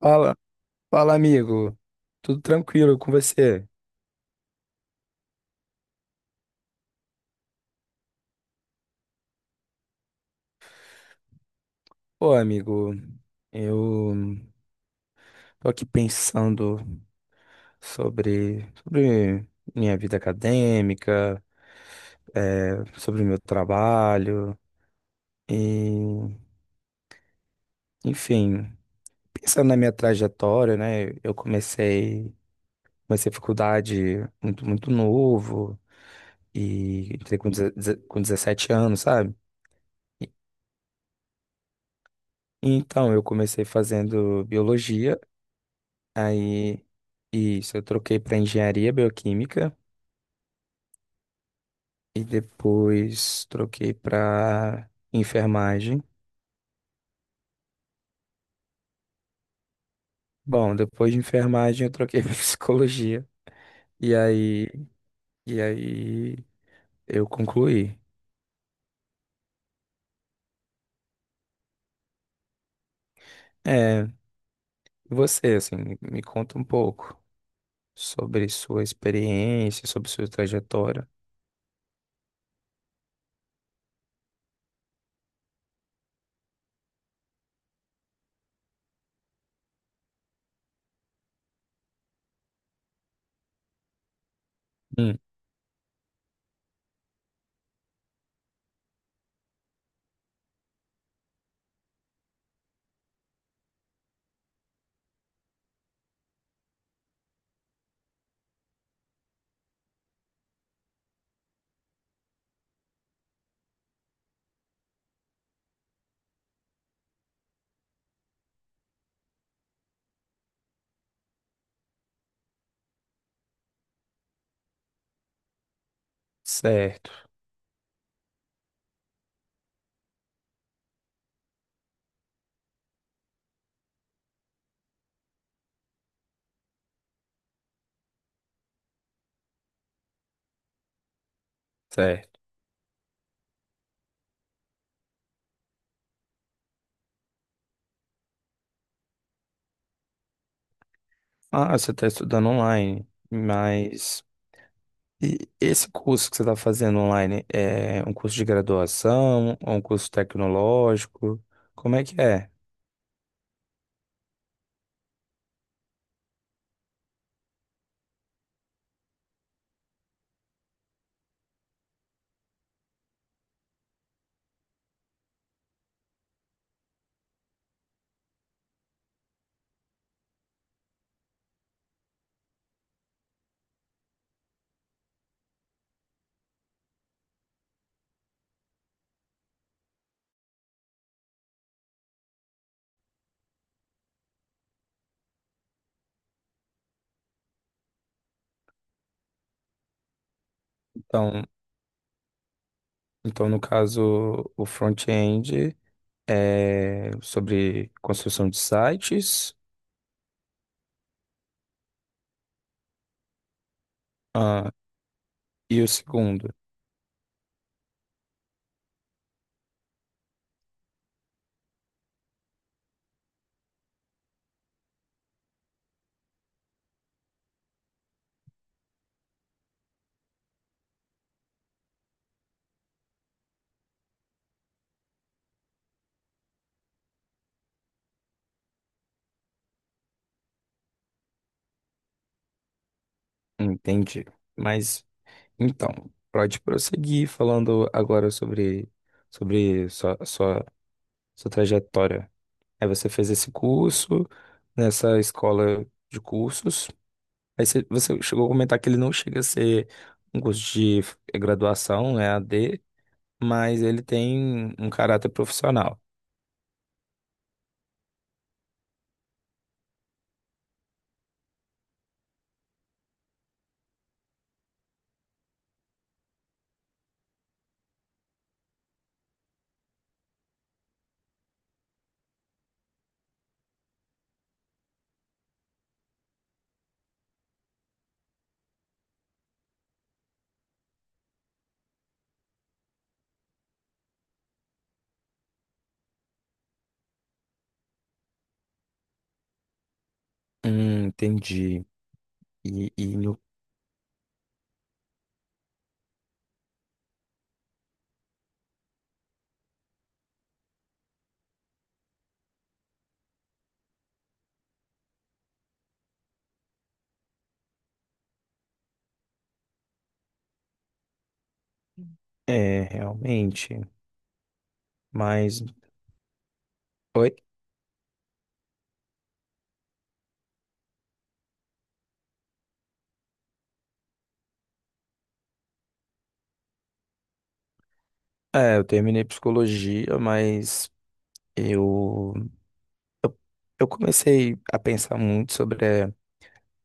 Fala, amigo. Tudo tranquilo com você? Pô, amigo, eu tô aqui pensando sobre minha vida acadêmica, é, sobre o meu trabalho, e, enfim, pensando na minha trajetória, né? Comecei a faculdade muito novo, e entrei com com 17 anos, sabe? Então, eu comecei fazendo biologia. Aí, isso, eu troquei para engenharia bioquímica e depois troquei para enfermagem. Bom, depois de enfermagem eu troquei para psicologia e aí e aí eu concluí. É, você assim, me conta um pouco sobre sua experiência, sobre sua trajetória. Hum, certo, certo. Ah, você está estudando online, mas e esse curso que você está fazendo online é um curso de graduação ou um curso tecnológico? Como é que é? Então, então no caso, o front-end é sobre construção de sites, ah, e o segundo, entendi. Mas então, pode prosseguir falando agora sobre sua trajetória. Aí você fez esse curso nessa escola de cursos. Aí você chegou a comentar que ele não chega a ser um curso de graduação, é a D, mas ele tem um caráter profissional. Entendi. E, e no- É, realmente. Mas, oi? É, eu terminei psicologia, mas eu, eu, eu comecei a pensar muito sobre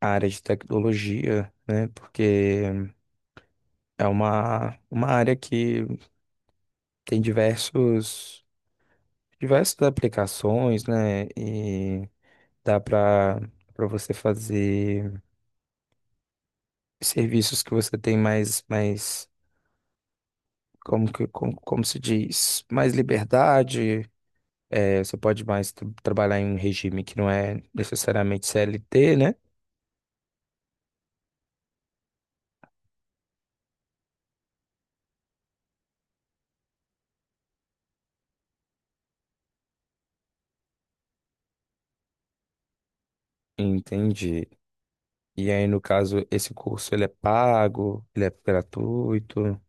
a área de tecnologia, né, porque é uma área que tem diversos diversas aplicações, né? Dá para você fazer serviços que você tem mais como como se diz, mais liberdade. É, você pode mais trabalhar em um regime que não é necessariamente CLT, né? Entendi. E aí, no caso, esse curso ele é pago, ele é gratuito.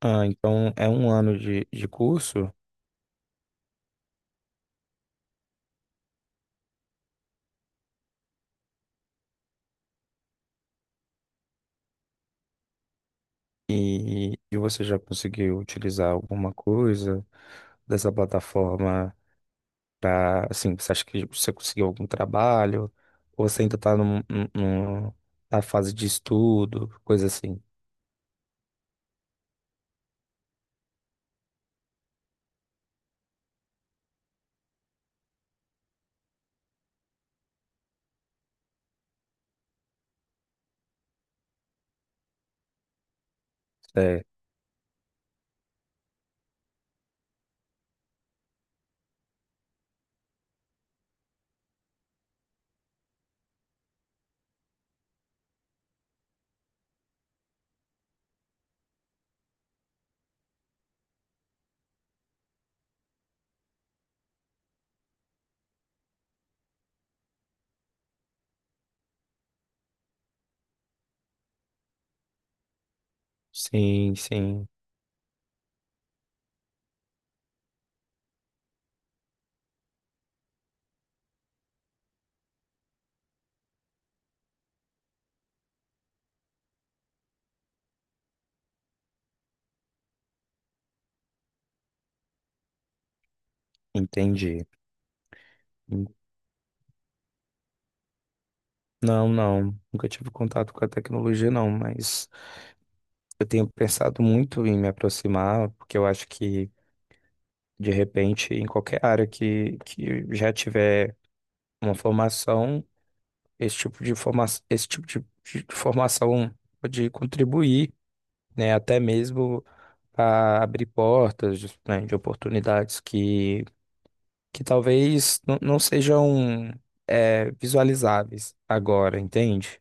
Ah, então é um ano de curso. E, e você já conseguiu utilizar alguma coisa dessa plataforma? Pra, assim, você acha que você conseguiu algum trabalho? Ou você ainda tá na fase de estudo, coisa assim? É, sim, entendi. Não, não, nunca tive contato com a tecnologia, não, mas eu tenho pensado muito em me aproximar, porque eu acho que, de repente, em qualquer área que já tiver uma formação, esse tipo de forma, esse tipo de formação pode contribuir, né? Até mesmo a abrir portas, né, de oportunidades que talvez não sejam, é, visualizáveis agora, entende?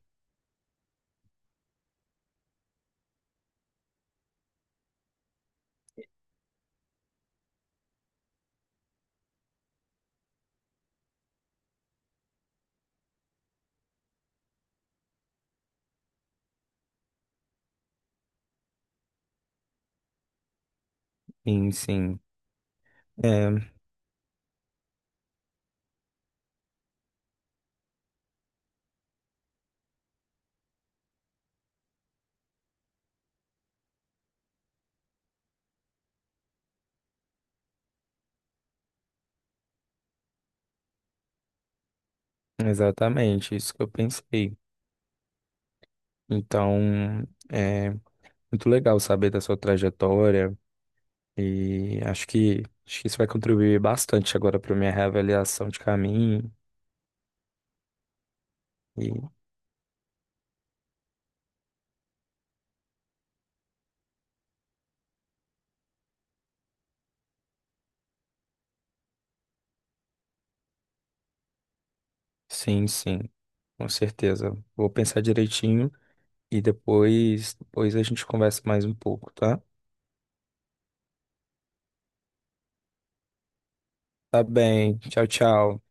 Sim, sim. É, exatamente, isso que eu pensei. Então, é muito legal saber da sua trajetória e acho acho que isso vai contribuir bastante agora para minha reavaliação de caminho. E sim, sim, com certeza. Vou pensar direitinho. E depois a gente conversa mais um pouco, tá? Tá bem. Tchau, tchau.